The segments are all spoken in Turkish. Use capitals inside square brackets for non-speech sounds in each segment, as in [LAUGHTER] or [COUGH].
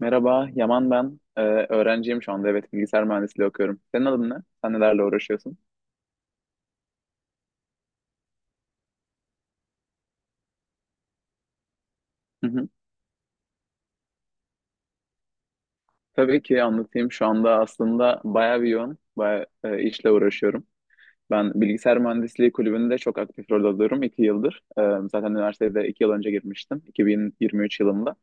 Merhaba, Yaman ben. Öğrenciyim şu anda. Evet, bilgisayar mühendisliği okuyorum. Senin adın ne? Sen nelerle uğraşıyorsun? Hı hı. Tabii ki anlatayım. Şu anda aslında bayağı bir yoğun, bayağı işle uğraşıyorum. Ben bilgisayar mühendisliği kulübünde çok aktif rol alıyorum iki yıldır. Zaten üniversitede iki yıl önce girmiştim, 2023 yılında.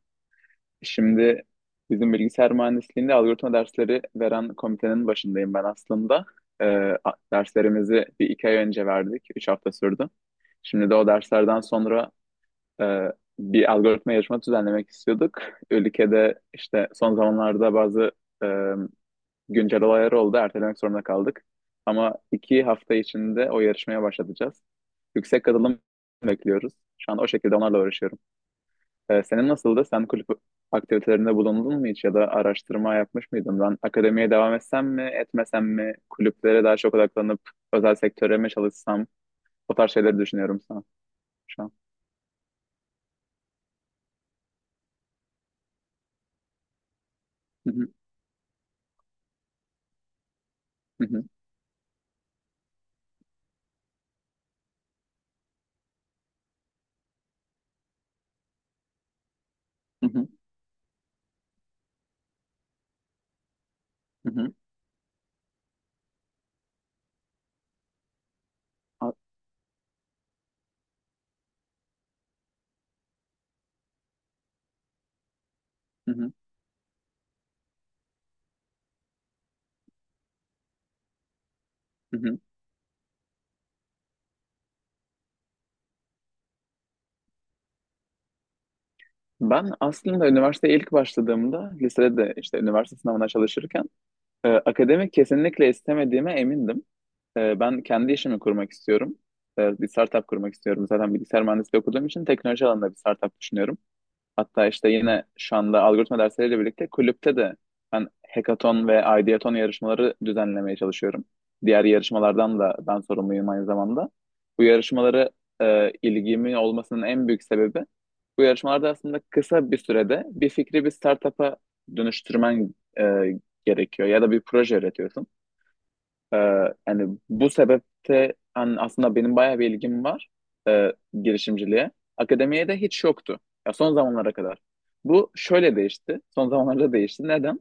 Şimdi bizim bilgisayar mühendisliğinde algoritma dersleri veren komitenin başındayım ben aslında. Ee, derslerimizi bir iki ay önce verdik, üç hafta sürdü. Şimdi de o derslerden sonra e, bir algoritma yarışma düzenlemek istiyorduk. Ülkede işte son zamanlarda bazı e, güncel olaylar oldu. Ertelemek zorunda kaldık. Ama iki hafta içinde o yarışmaya başlatacağız. Yüksek katılım bekliyoruz. Şu an o şekilde onlarla uğraşıyorum. Senin nasıldı? Sen kulüp aktivitelerinde bulundun mu hiç ya da araştırma yapmış mıydın? Ben akademiye devam etsem mi, etmesem mi? Kulüplere daha çok odaklanıp özel sektöre mi çalışsam? O tarz şeyleri düşünüyorum sana şu an. Hı hı, hı hı, hı hı, hı hı. Hı hı, hı hı. Ben aslında üniversiteye ilk başladığımda lisede de işte üniversite sınavına çalışırken akademik kesinlikle istemediğime emindim. Ben kendi işimi kurmak istiyorum. Bir startup kurmak istiyorum. Zaten bilgisayar mühendisliği okuduğum için teknoloji alanında bir startup düşünüyorum. Hatta işte yine şu anda algoritma dersleriyle birlikte kulüpte de ben hackathon ve ideathon yarışmaları düzenlemeye çalışıyorum. Diğer yarışmalardan da ben sorumluyum aynı zamanda. Bu yarışmaları ilgimin olmasının en büyük sebebi bu yarışmalarda aslında kısa bir sürede bir fikri bir startup'a dönüştürmen gerekiyor ya da bir proje üretiyorsun. Ee, yani bu sebepte hani aslında benim bayağı bir ilgim var e, girişimciliğe. Akademiye de hiç yoktu. Ya son zamanlara kadar. Bu şöyle değişti. Son zamanlarda değişti. Neden?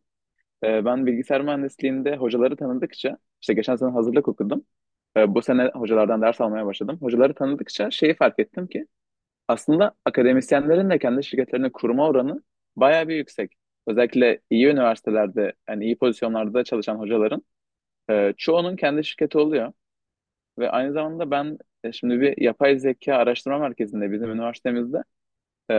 Ben bilgisayar mühendisliğinde hocaları tanıdıkça, işte geçen sene hazırlık okudum. Bu sene hocalardan ders almaya başladım. Hocaları tanıdıkça şeyi fark ettim ki aslında akademisyenlerin de kendi şirketlerini kurma oranı bayağı bir yüksek. Özellikle iyi üniversitelerde, yani iyi pozisyonlarda çalışan hocaların çoğunun kendi şirketi oluyor. Ve aynı zamanda ben şimdi bir yapay zeka araştırma merkezinde bizim üniversitemizde e,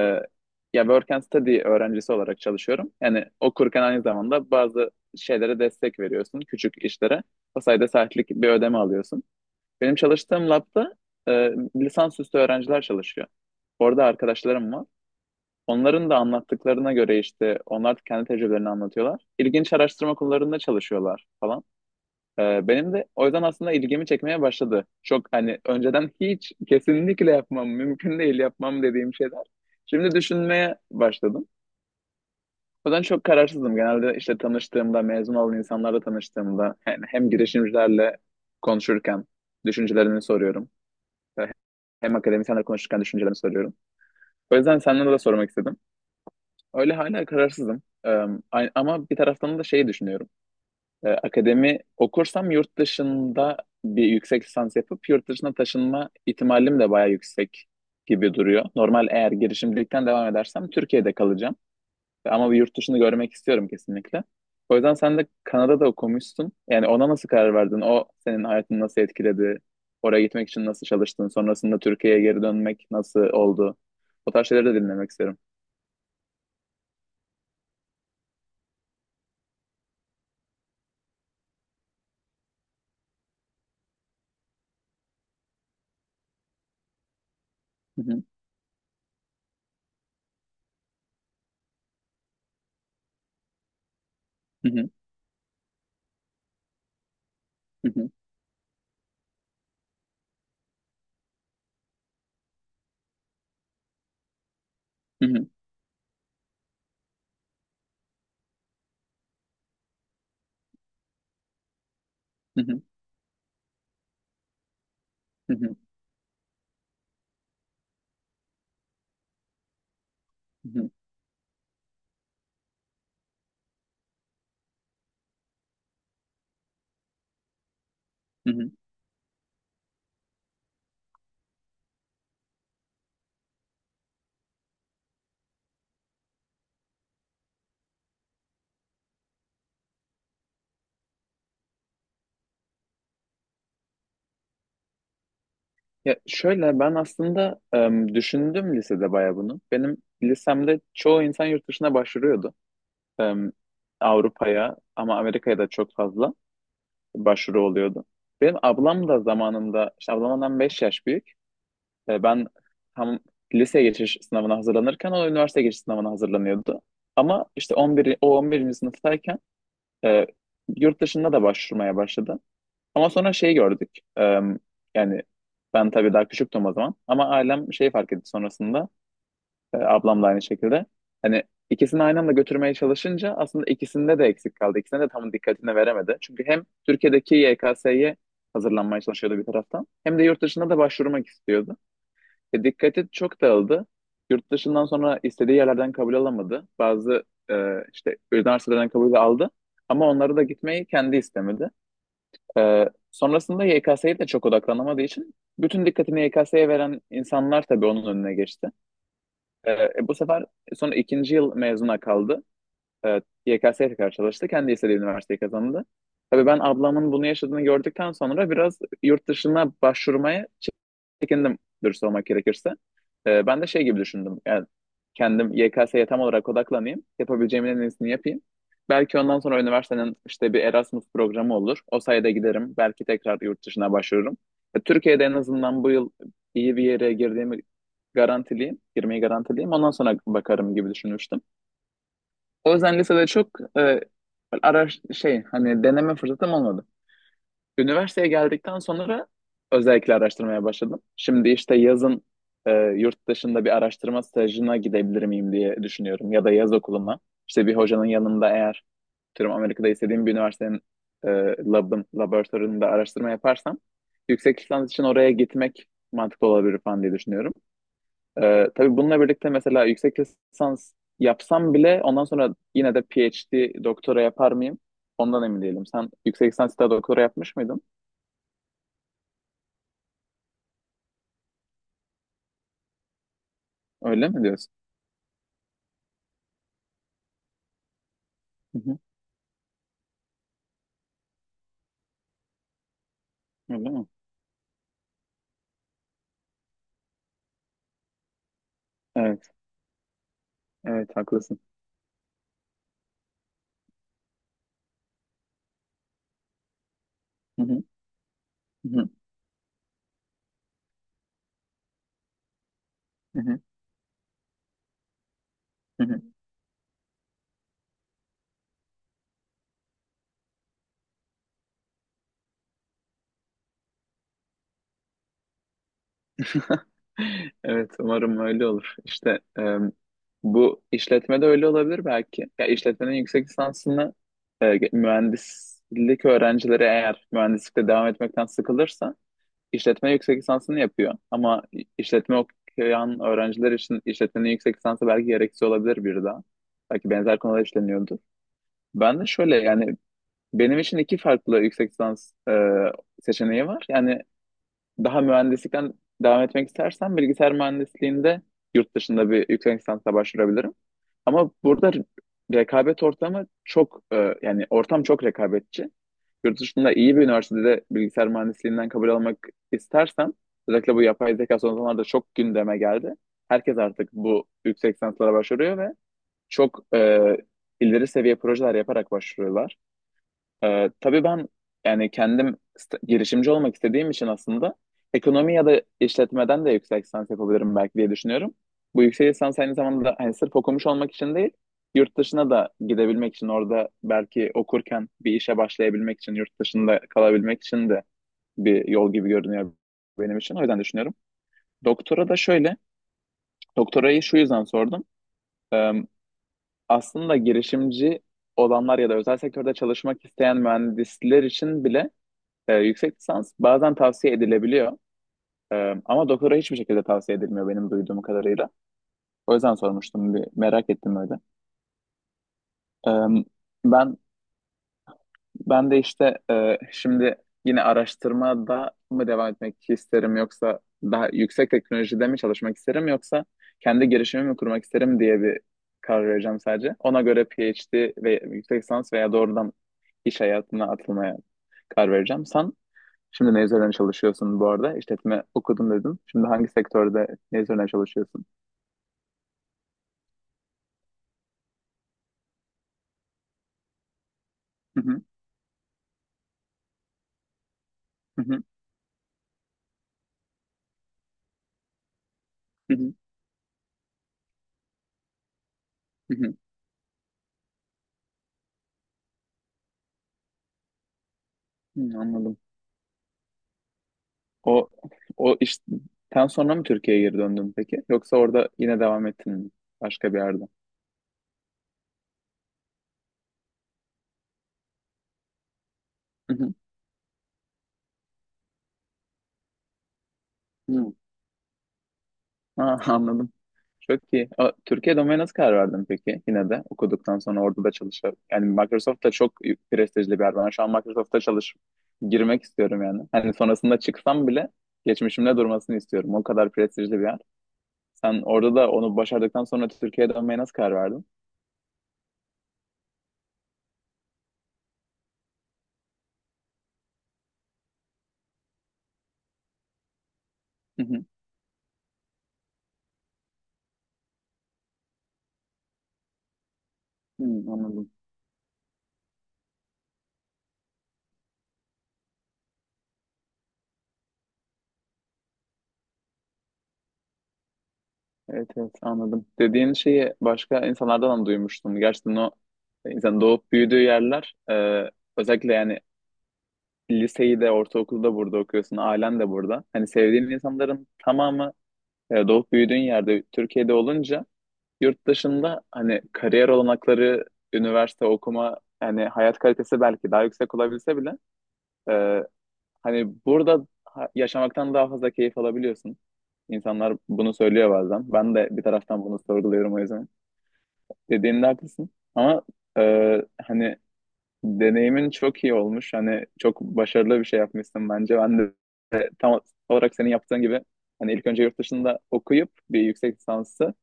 ya Work and Study öğrencisi olarak çalışıyorum. Yani okurken aynı zamanda bazı şeylere destek veriyorsun, küçük işlere. O sayede saatlik bir ödeme alıyorsun. Benim çalıştığım labda e, lisansüstü öğrenciler çalışıyor. Orada arkadaşlarım var. Onların da anlattıklarına göre işte onlar kendi tecrübelerini anlatıyorlar. İlginç araştırma konularında çalışıyorlar falan. Benim de o yüzden aslında ilgimi çekmeye başladı. Çok hani önceden hiç kesinlikle yapmam, mümkün değil yapmam dediğim şeyler. Şimdi düşünmeye başladım. O yüzden çok kararsızdım. Genelde işte tanıştığımda, mezun olan insanlarla tanıştığımda yani hem girişimcilerle konuşurken düşüncelerini soruyorum. Hem akademisyenlerle konuşurken düşüncelerini soruyorum. O yüzden senden de sormak istedim. Öyle hala kararsızım. Ama bir taraftan da şeyi düşünüyorum. Akademi okursam yurt dışında bir yüksek lisans yapıp yurt dışına taşınma ihtimalim de bayağı yüksek gibi duruyor. Normal eğer girişimcilikten devam edersem Türkiye'de kalacağım. Ama bir yurt dışını görmek istiyorum kesinlikle. O yüzden sen de Kanada'da okumuşsun. Yani ona nasıl karar verdin? O senin hayatını nasıl etkiledi? Oraya gitmek için nasıl çalıştın? Sonrasında Türkiye'ye geri dönmek nasıl oldu? O tarz şeyleri de dinlemek isterim. Hı hı, hı hı, hı hı, hı hı, hı hı, hı hı, hı hı, hı hı. Ya şöyle ben aslında düşündüm lisede bayağı bunu. Benim lisemde çoğu insan yurt dışına başvuruyordu. Em, Avrupa'ya ama Amerika'ya da çok fazla başvuru oluyordu. Benim ablam da zamanında, işte ablamdan 5 yaş büyük. Ben tam lise geçiş sınavına hazırlanırken o üniversite geçiş sınavına hazırlanıyordu. Ama işte 11, o 11. sınıftayken e, yurt dışında da başvurmaya başladı. Ama sonra şeyi gördük. Eee, yani ben tabii daha küçüktüm o zaman. Ama ailem şeyi fark etti sonrasında. Ablam da aynı şekilde. Hani ikisini aynı anda götürmeye çalışınca aslında ikisinde de eksik kaldı. İkisine de tam dikkatini veremedi. Çünkü hem Türkiye'deki YKS'ye hazırlanmaya çalışıyordu bir taraftan. Hem de yurt dışına da başvurmak istiyordu. Dikkati çok dağıldı. Yurt dışından sonra istediği yerlerden kabul alamadı. Bazı e, işte üniversitelerden kabul aldı. Ama onlara da gitmeyi kendi istemedi. Sonrasında YKS'ye de çok odaklanamadığı için bütün dikkatini YKS'ye veren insanlar tabii onun önüne geçti. Bu sefer sonra ikinci yıl mezuna kaldı. Evet, YKS'ye tekrar çalıştı. Kendi istediği üniversiteyi kazandı. Tabii ben ablamın bunu yaşadığını gördükten sonra biraz yurt dışına başvurmaya çekindim dürüst olmak gerekirse. Ben de şey gibi düşündüm. Yani kendim YKS'ye tam olarak odaklanayım. Yapabileceğimin en iyisini yapayım. Belki ondan sonra üniversitenin işte bir Erasmus programı olur. O sayede giderim. Belki tekrar yurt dışına başvururum. Türkiye'de en azından bu yıl iyi bir yere girdiğimi garantileyim. Girmeyi garantileyim. Ondan sonra bakarım gibi düşünmüştüm. O yüzden lisede çok e, araş şey hani deneme fırsatım olmadı. Üniversiteye geldikten sonra özellikle araştırmaya başladım. Şimdi işte yazın yurt dışında bir araştırma stajına gidebilir miyim diye düşünüyorum ya da yaz okuluna. İşte bir hocanın yanında eğer tüm Amerika'da istediğim bir üniversitenin e, laboratuvarında araştırma yaparsam yüksek lisans için oraya gitmek mantıklı olabilir falan diye düşünüyorum. Tabii bununla birlikte mesela yüksek lisans yapsam bile ondan sonra yine de PhD doktora yapar mıyım? Ondan emin değilim. Sen yüksek lisans da doktora yapmış mıydın? Öyle mi diyorsun? Hı hı. Öyle mi? Evet. Evet haklısın. Hı hı. Hı hı. Hı hı. Hı hı. [LAUGHS] Evet umarım öyle olur. İşte bu işletmede öyle olabilir belki. Ya işletmenin yüksek lisansını mühendislik öğrencileri eğer mühendislikte devam etmekten sıkılırsa işletme yüksek lisansını yapıyor. Ama işletme okuyan öğrenciler için işletmenin yüksek lisansı belki gereksiz olabilir bir daha. Belki benzer konular işleniyordu. Ben de şöyle yani benim için iki farklı yüksek lisans seçeneği var. Yani daha mühendislikten devam etmek istersen bilgisayar mühendisliğinde yurt dışında bir yüksek lisansa başvurabilirim. Ama burada rekabet ortamı çok yani ortam çok rekabetçi. Yurt dışında iyi bir üniversitede bilgisayar mühendisliğinden kabul almak istersen özellikle bu yapay zeka son zamanlarda çok gündeme geldi. Herkes artık bu yüksek lisanslara başvuruyor ve çok ileri seviye projeler yaparak başvuruyorlar. Tabii ben yani kendim girişimci olmak istediğim için aslında ekonomi ya da işletmeden de yüksek lisans yapabilirim belki diye düşünüyorum. Bu yüksek lisans aynı zamanda hani sırf okumuş olmak için değil, yurt dışına da gidebilmek için orada belki okurken bir işe başlayabilmek için, yurt dışında kalabilmek için de bir yol gibi görünüyor benim için. O yüzden düşünüyorum. Doktora da şöyle, doktorayı şu yüzden sordum. Ee, aslında girişimci olanlar ya da özel sektörde çalışmak isteyen mühendisler için bile yüksek lisans bazen tavsiye edilebiliyor. Ama doktora hiçbir şekilde tavsiye edilmiyor benim duyduğum kadarıyla. O yüzden sormuştum bir merak ettim öyle. Ee, ben ben de işte şimdi yine araştırmada mı devam etmek isterim yoksa daha yüksek teknolojide mi çalışmak isterim yoksa kendi girişimimi mi kurmak isterim diye bir karar vereceğim sadece. Ona göre PhD ve yüksek lisans veya doğrudan iş hayatına atılmaya karar vereceğim. Sen şimdi ne üzerine çalışıyorsun bu arada? İşletme okudum dedim. Şimdi hangi sektörde ne üzerine çalışıyorsun? Hı hı, hı hı, hı hı, hı hı. Hı, anladım. O o işten sonra mı Türkiye'ye geri döndün peki? Yoksa orada yine devam ettin mi? Başka bir yerde. Hı hı, hı. Ha, [LAUGHS] anladım. Çok iyi. A, Türkiye domaine nasıl karar verdin peki? Yine de okuduktan sonra orada da çalışıyor. Yani Microsoft da çok prestijli bir yer. Ben şu an Microsoft'ta girmek istiyorum yani. Hani sonrasında çıksam bile geçmişimde durmasını istiyorum. O kadar prestijli bir yer. Sen orada da onu başardıktan sonra Türkiye'ye dönmeye nasıl karar verdin? Hı hı. Hı, anladım. Evet, evet, anladım. Dediğin şeyi başka insanlardan da duymuştum. Gerçekten o insan doğup büyüdüğü yerler özellikle yani liseyi de ortaokulu da burada okuyorsun, ailen de burada. Hani sevdiğin insanların tamamı doğup büyüdüğün yerde Türkiye'de olunca yurt dışında hani kariyer olanakları, üniversite okuma, hani hayat kalitesi belki daha yüksek olabilse bile e, hani burada yaşamaktan daha fazla keyif alabiliyorsun. İnsanlar bunu söylüyor bazen. Ben de bir taraftan bunu sorguluyorum o yüzden. Dediğinde haklısın. Ama hani deneyimin çok iyi olmuş. Hani çok başarılı bir şey yapmışsın bence. Ben de tam olarak senin yaptığın gibi hani ilk önce yurt dışında okuyup bir yüksek lisansı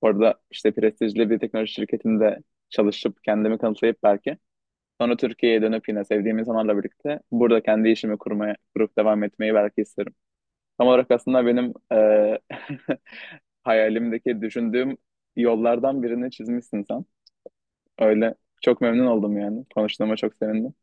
orada işte prestijli bir teknoloji şirketinde çalışıp kendimi kanıtlayıp belki sonra Türkiye'ye dönüp yine sevdiğim insanlarla birlikte burada kendi işimi kurmaya, kurup devam etmeyi belki isterim. Tam olarak aslında benim [LAUGHS] hayalimdeki düşündüğüm yollardan birini çizmişsin sen. Öyle çok memnun oldum yani. Konuştuğuma çok sevindim.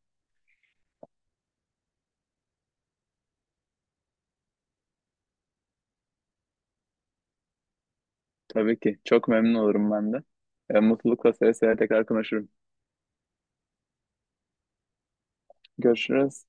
Tabii ki. Çok memnun olurum ben de. Mutlulukla seve seve tekrar konuşurum. Görüşürüz.